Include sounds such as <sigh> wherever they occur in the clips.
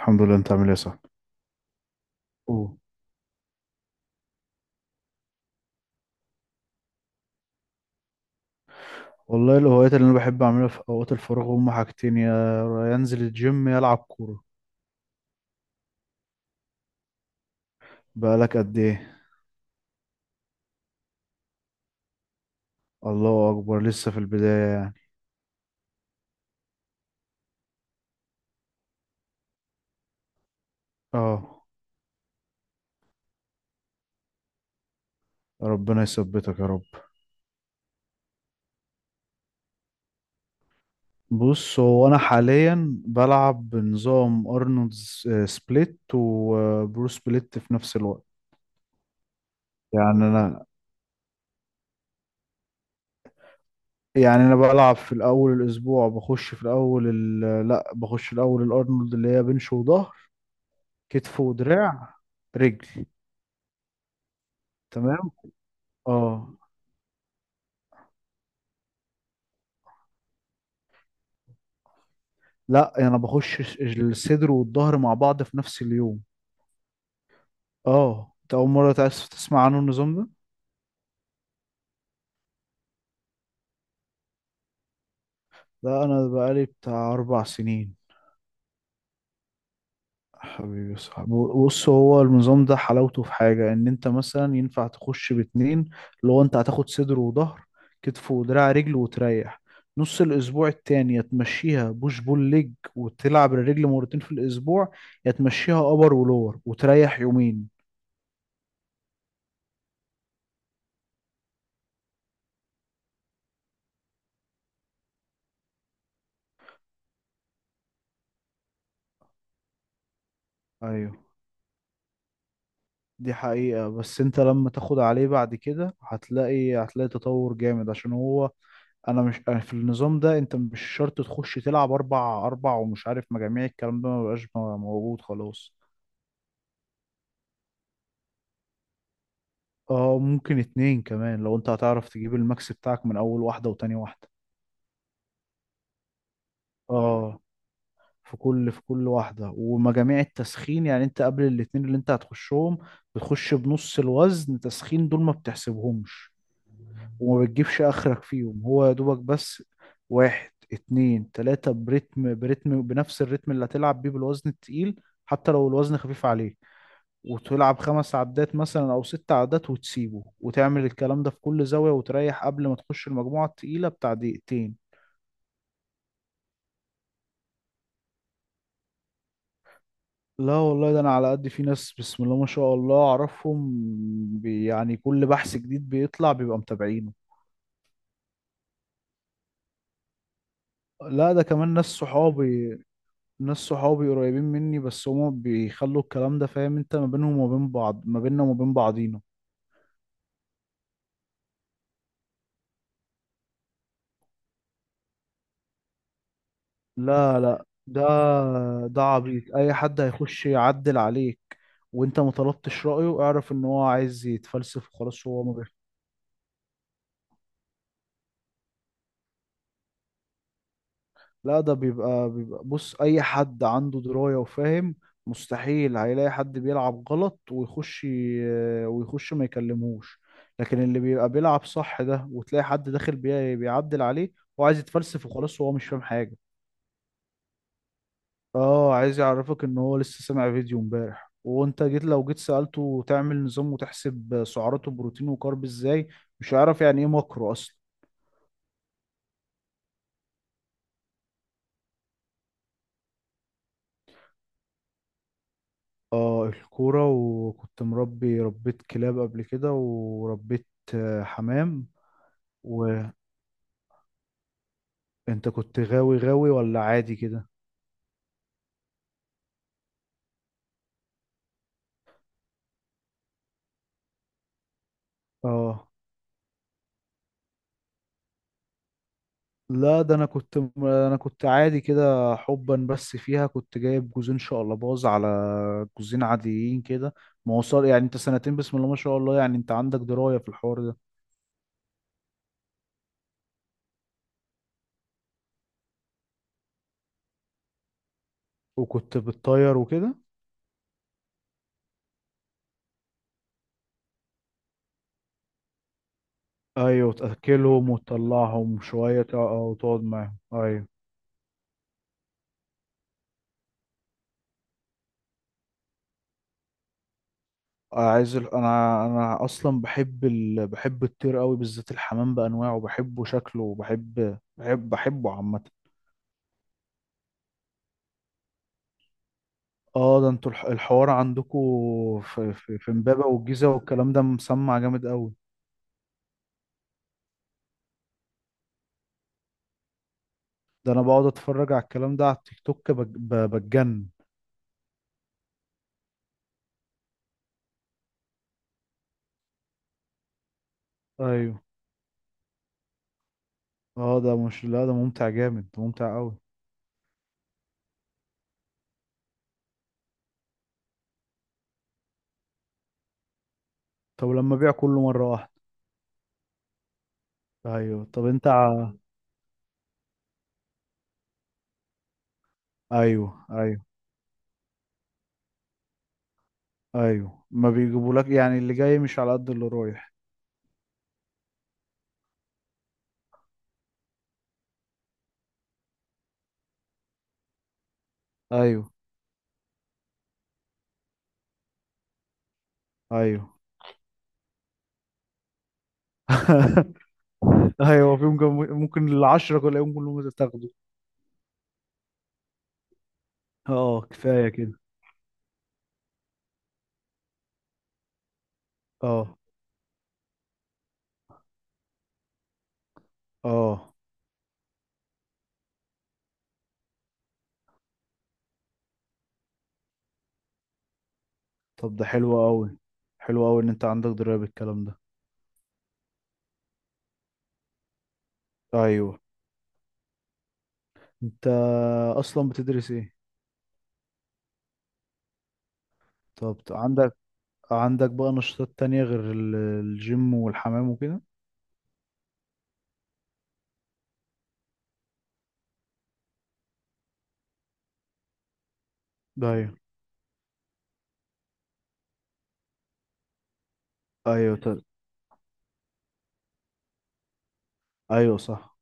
الحمد لله، انت عامل ايه يا صاحبي؟ أوه. والله الهوايات اللي انا بحب اعملها في اوقات الفراغ هم حاجتين، يا انزل الجيم يا العب كوره. بقالك قد ايه؟ الله اكبر، لسه في البدايه يعني. اه، ربنا يثبتك يا رب. بص، هو انا حاليا بلعب بنظام ارنولد سبليت وبرو سبليت في نفس الوقت. يعني انا يعني انا بلعب في الاول الاسبوع، بخش في الاول لا، بخش الاول الارنولد اللي هي بنش وظهر، كتف ودراع، رجل. تمام، اه. لا، يعني انا بخش الصدر والظهر مع بعض في نفس اليوم. اه، انت اول مره تأسف تسمع عنه النظام ده؟ لا، انا بقالي بتاع اربع سنين. حبيبي يا صاحبي. بص، هو النظام ده حلاوته في حاجه ان انت مثلا ينفع تخش باتنين، اللي هو انت هتاخد صدر وظهر، كتف ودراع، رجل وتريح نص الاسبوع التاني. يا تمشيها بوش بول ليج وتلعب الرجل مرتين في الاسبوع، يا تمشيها ابر ولور وتريح يومين. ايوه، دي حقيقة، بس انت لما تاخد عليه بعد كده هتلاقي تطور جامد عشان هو. انا مش أنا في النظام ده انت مش شرط تخش تلعب اربع اربع ومش عارف مجاميع، الكلام ده مبقاش موجود خلاص. اه، ممكن اتنين كمان لو انت هتعرف تجيب الماكس بتاعك من اول واحدة وتاني واحدة. اه، في كل واحدة، ومجاميع التسخين يعني انت قبل الاتنين اللي انت هتخشهم بتخش بنص الوزن، تسخين دول ما بتحسبهمش وما بتجيبش اخرك فيهم، هو يا دوبك بس واحد اتنين تلاتة، برتم برتم بنفس الريتم اللي هتلعب بيه بالوزن التقيل، حتى لو الوزن خفيف عليه، وتلعب خمس عدات مثلا او ست عدات وتسيبه، وتعمل الكلام ده في كل زاوية، وتريح قبل ما تخش المجموعة التقيلة بتاع دقيقتين. لا والله، ده انا على قد، في ناس بسم الله ما شاء الله اعرفهم. يعني كل بحث جديد بيطلع بيبقى متابعينه. لا، ده كمان ناس صحابي، ناس صحابي قريبين مني، بس هما بيخلوا الكلام ده فاهم انت، ما بينهم وما بين بعض، ما بيننا وما بين بعضينا. لا لا، ده عبيط، اي حد هيخش يعدل عليك وانت ما طلبتش رأيه اعرف ان هو عايز يتفلسف وخلاص. هو ما لا، ده بيبقى. بص اي حد عنده دراية وفاهم مستحيل هيلاقي حد بيلعب غلط ويخش ما يكلمهوش، لكن اللي بيبقى بيلعب صح ده وتلاقي حد داخل بيعدل عليه، هو عايز يتفلسف وخلاص وهو مش فاهم حاجة. اه، عايز يعرفك ان هو لسه سامع فيديو امبارح، وانت جيت لو جيت سألته تعمل نظام وتحسب سعراته بروتين وكارب ازاي، مش هيعرف يعني ايه ماكرو اصلا. اه، الكورة، وكنت ربيت كلاب قبل كده، وربيت حمام. وانت كنت غاوي غاوي ولا عادي كده؟ اه، لا، ده انا كنت عادي كده، حبا بس فيها، كنت جايب جوزين شقلباز على جوزين عاديين كده. ما وصل، يعني انت سنتين بسم الله ما شاء الله، يعني انت عندك دراية في الحوار ده. وكنت بتطير وكده؟ ايوه، تأكلهم وتطلعهم شوية، اه، وتقعد معاهم. ايوه. عايز انا اصلا بحب الطير قوي، بالذات الحمام بانواعه بحبه، شكله، وبحب بحب بحبه عامه. اه، ده انتوا الحوار عندكم في امبابه والجيزه، والكلام ده مسمع جامد قوي. ده انا بقعد اتفرج على الكلام ده على التيك توك بتجنن. ايوه. اه، ده مش لا، ده ممتع جامد، ده ممتع قوي. طب لما ابيع كله مره واحده. ايوه، طب انت ايوه، ايوه. ايوه، ما بيجيبولك، يعني اللي جاي مش على قد اللي رايح. ايوه، ايوه. <laughs> ايوه، في ممكن، ممكن العشرة كلهم كلهم تاخده. اه، كفاية كده. اه، اه. طب ده حلو قوي، حلو قوي ان انت عندك دراية بالكلام ده. ايوه، انت اصلا بتدرس ايه؟ طب عندك بقى نشاطات تانية غير الجيم والحمام وكده؟ ايوه، ايوه، طب. ايوه، صح.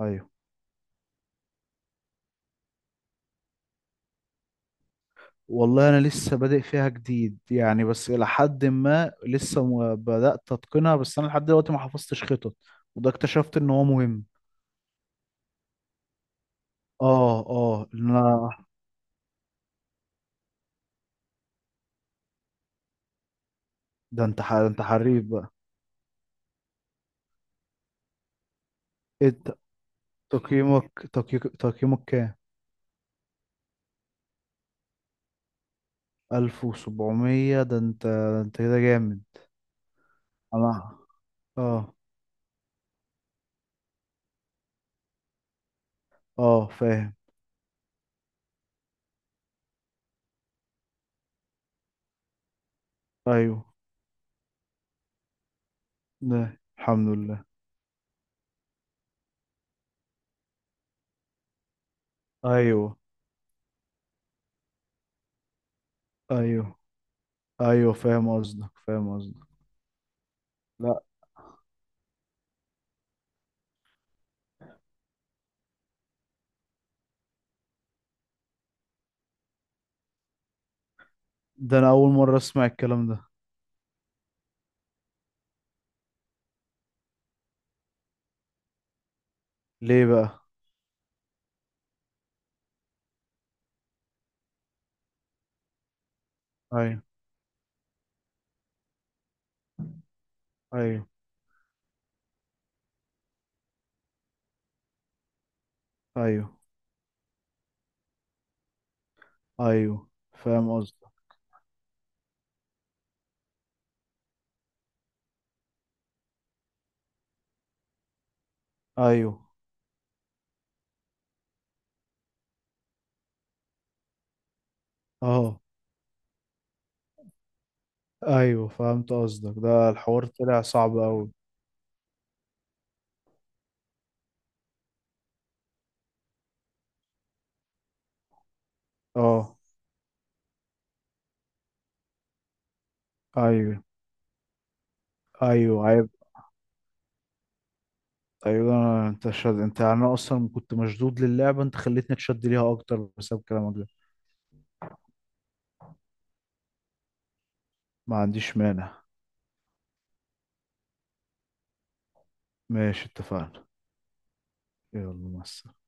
ايوه، والله انا لسه بادئ فيها جديد، يعني بس الى حد ما لسه ما بدأت اتقنها، بس انا لحد دلوقتي ما حفظتش خطط، وده اكتشفت ان هو مهم. اه، اه، لا. ده انت حريف بقى. انت تقييمك كام؟ 1700؟ ده انت كده جامد. انا. اه. اه، فاهم. ايوه، ده الحمد لله. ايوه، ايوه، ايوه، فاهم قصدك فاهم قصدك. لا، ده انا اول مرة اسمع الكلام ده. ليه بقى؟ ايوه، ايوه، ايوه، ايوه، فاهم قصدك. ايوه، اه، ايوه، فهمت قصدك، ده الحوار طلع صعب قوي. اه. ايوه، ايوه، عيب. ايوه، انت، يعني انا اصلا كنت مشدود للعبه، انت خليتني اتشد ليها اكتر بسبب كلامك ده. ما عنديش مانع. ماشي، اتفقنا. يلا مع السلامه.